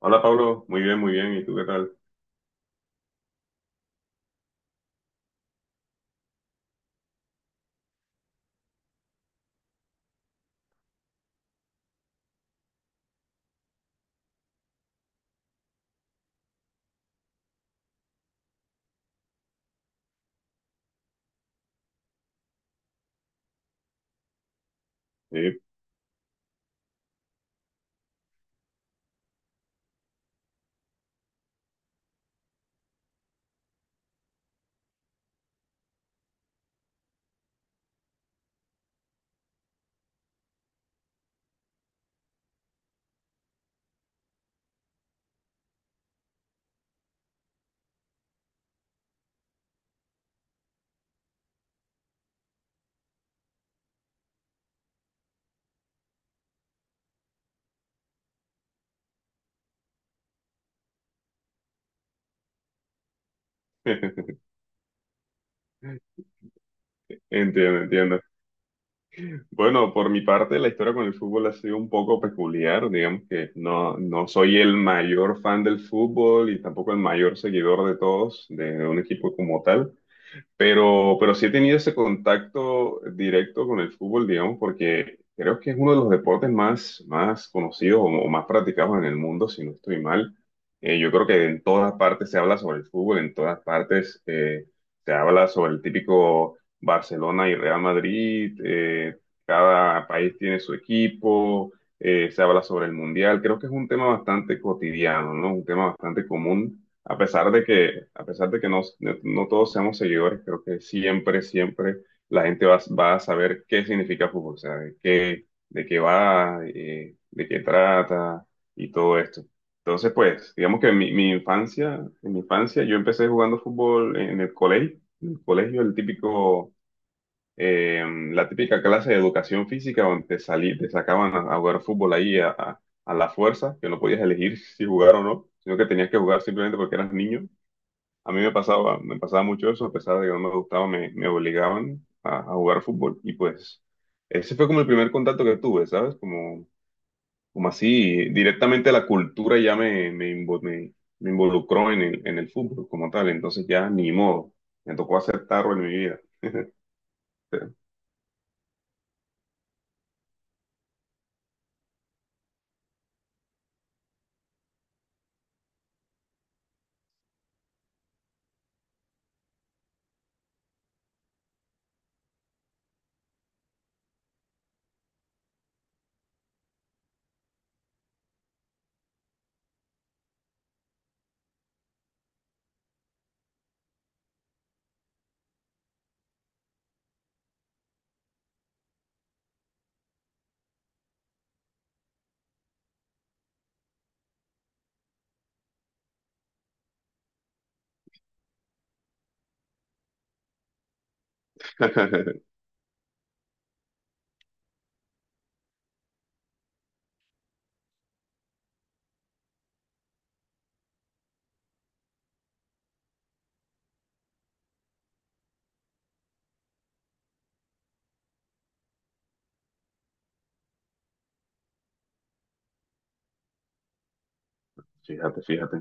Hola Pablo, muy bien, muy bien. ¿Y tú qué tal? Sí, entiendo, entiendo. Bueno, por mi parte, la historia con el fútbol ha sido un poco peculiar. Digamos que no soy el mayor fan del fútbol y tampoco el mayor seguidor de todos, de un equipo como tal. Pero sí he tenido ese contacto directo con el fútbol, digamos, porque creo que es uno de los deportes más conocidos o más practicados en el mundo, si no estoy mal. Yo creo que en todas partes se habla sobre el fútbol, en todas partes se habla sobre el típico Barcelona y Real Madrid. Cada país tiene su equipo. Se habla sobre el mundial. Creo que es un tema bastante cotidiano, ¿no? Un tema bastante común a pesar de que, a pesar de que no todos seamos seguidores. Creo que siempre, siempre la gente va a saber qué significa fútbol, o sea, de qué va, de qué trata y todo esto. Entonces, pues, digamos que en mi infancia, en mi infancia yo empecé jugando fútbol en el colegio, el típico, eh, la típica clase de educación física donde te sacaban a jugar fútbol ahí a la fuerza, que no podías elegir si jugar o no, sino que tenías que jugar simplemente porque eras niño. A mí me pasaba mucho eso, a pesar de que no me gustaba, me obligaban a jugar fútbol. Y pues ese fue como el primer contacto que tuve, ¿sabes? Como, como así, directamente la cultura ya me involucró en en el fútbol como tal. Entonces ya ni modo, me tocó aceptarlo en mi vida. Fíjate, fíjate.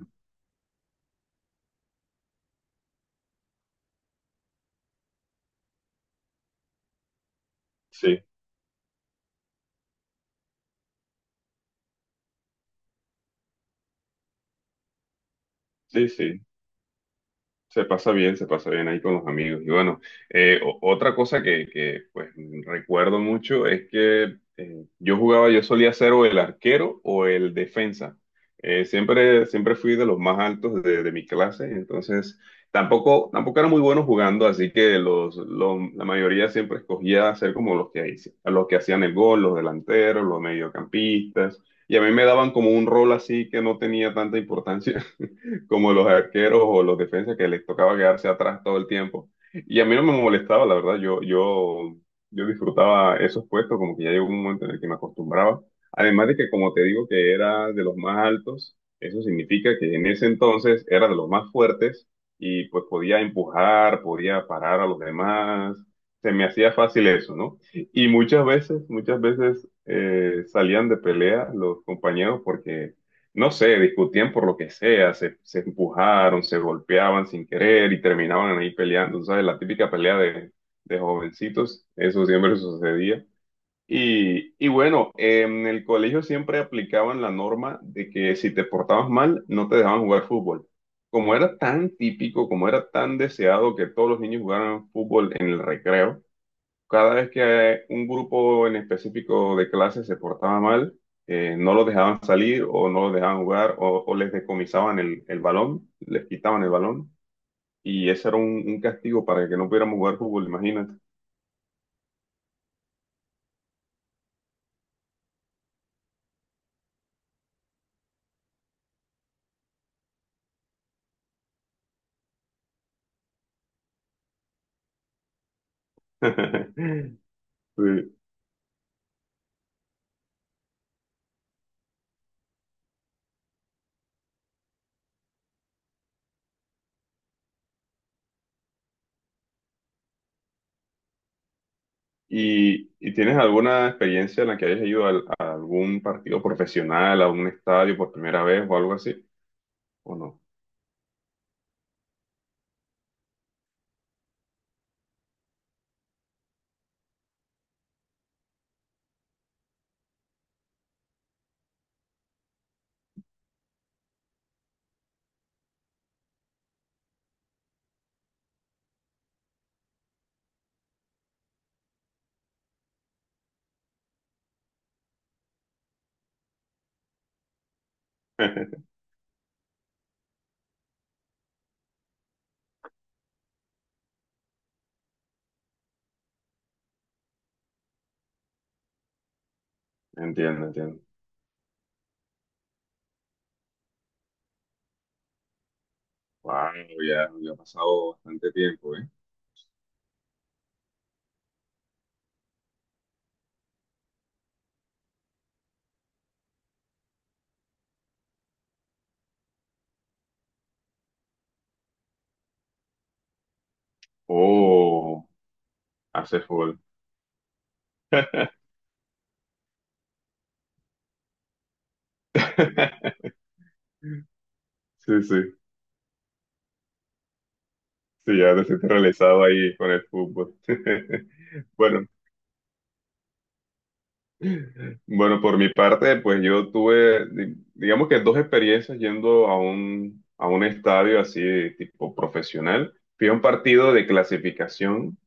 Sí, sí, sí. Se pasa bien ahí con los amigos. Y bueno, otra cosa pues recuerdo mucho es que yo jugaba, yo solía ser o el arquero o el defensa. Siempre, siempre fui de los más altos de mi clase, entonces tampoco, tampoco era muy bueno jugando, así que la mayoría siempre escogía ser como los los que hacían el gol, los delanteros, los mediocampistas, y a mí me daban como un rol así que no tenía tanta importancia. Como los arqueros o los defensas que les tocaba quedarse atrás todo el tiempo. Y a mí no me molestaba, la verdad, yo disfrutaba esos puestos, como que ya llegó un momento en el que me acostumbraba. Además de que, como te digo, que era de los más altos, eso significa que en ese entonces era de los más fuertes y pues podía empujar, podía parar a los demás, se me hacía fácil eso, ¿no? Y muchas veces salían de pelea los compañeros porque no sé, discutían por lo que sea, se empujaron, se golpeaban sin querer y terminaban ahí peleando. Tú ¿sabes? La típica pelea de jovencitos, eso siempre sucedía. Y bueno, en el colegio siempre aplicaban la norma de que si te portabas mal, no te dejaban jugar fútbol. Como era tan típico, como era tan deseado que todos los niños jugaran fútbol en el recreo, cada vez que un grupo en específico de clase se portaba mal, no los dejaban salir o no los dejaban jugar o les decomisaban el balón, les quitaban el balón. Y ese era un castigo para que no pudiéramos jugar fútbol, imagínate. Sí. Y tienes alguna experiencia en la que hayas ido algún partido profesional, a un estadio por primera vez o algo así? ¿O no? Entiendo, entiendo. Wow, ya, ya ha pasado bastante tiempo, ¿eh? Oh, hace fútbol. Sí, sí, sí, ya te sientes realizado ahí con el fútbol. Bueno, bueno, por mi parte, pues yo tuve, digamos que dos experiencias yendo a un estadio así, de tipo profesional. Fui a un partido de clasificación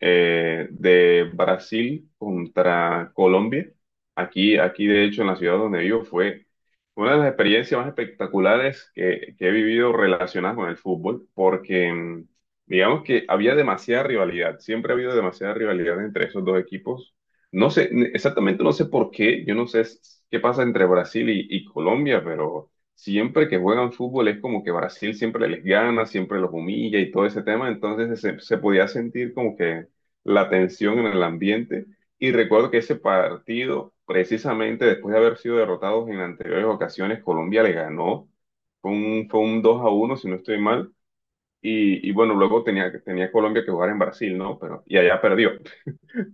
de Brasil contra Colombia. Aquí, aquí, de hecho, en la ciudad donde vivo fue una de las experiencias más espectaculares que he vivido relacionadas con el fútbol, porque digamos que había demasiada rivalidad, siempre ha habido demasiada rivalidad entre esos dos equipos. No sé, exactamente no sé por qué, yo no sé qué pasa entre Brasil y Colombia, pero siempre que juegan fútbol es como que Brasil siempre les gana, siempre los humilla y todo ese tema, entonces se podía sentir como que la tensión en el ambiente. Y recuerdo que ese partido, precisamente después de haber sido derrotados en anteriores ocasiones, Colombia le ganó. Fue un 2 a uno si no estoy mal. Y bueno, luego tenía Colombia que jugar en Brasil, ¿no? Pero, y allá perdió,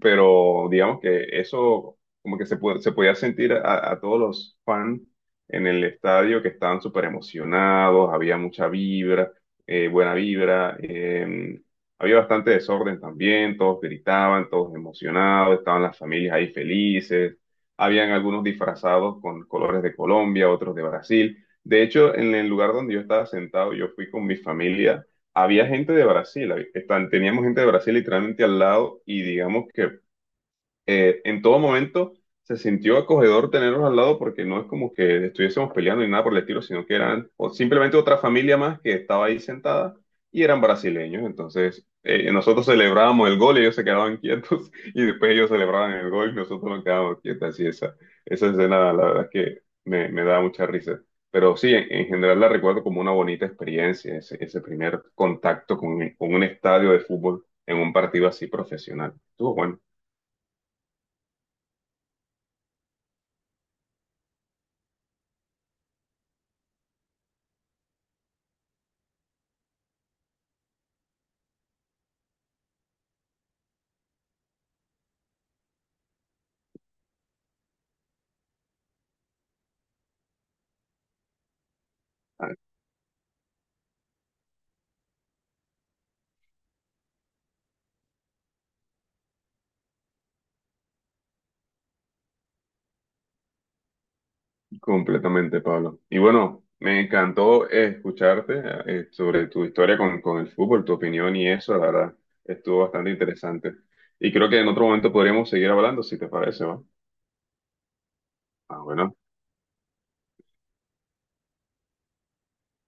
pero digamos que eso como que se podía sentir a todos los fans en el estadio que estaban súper emocionados, había mucha vibra, buena vibra. Había bastante desorden también, todos gritaban, todos emocionados, estaban las familias ahí felices, habían algunos disfrazados con colores de Colombia, otros de Brasil. De hecho, en el lugar donde yo estaba sentado, yo fui con mi familia, había gente de Brasil, teníamos gente de Brasil literalmente al lado y digamos que en todo momento se sintió acogedor tenerlos al lado porque no es como que estuviésemos peleando ni nada por el estilo, sino que eran o simplemente otra familia más que estaba ahí sentada y eran brasileños. Entonces, nosotros celebrábamos el gol, ellos se quedaban quietos y después ellos celebraban el gol y nosotros nos quedábamos quietos. Así esa, esa escena, la verdad es que me da mucha risa. Pero sí, en general la recuerdo como una bonita experiencia, ese primer contacto con un estadio de fútbol en un partido así profesional. Estuvo bueno. Completamente, Pablo. Y bueno, me encantó escucharte sobre tu historia con el fútbol, tu opinión y eso, la verdad, estuvo bastante interesante. Y creo que en otro momento podríamos seguir hablando, si te parece, ¿va? Ah, bueno,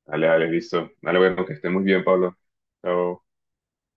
dale, dale, listo. Dale, bueno, que estés muy bien, Pablo. Chao.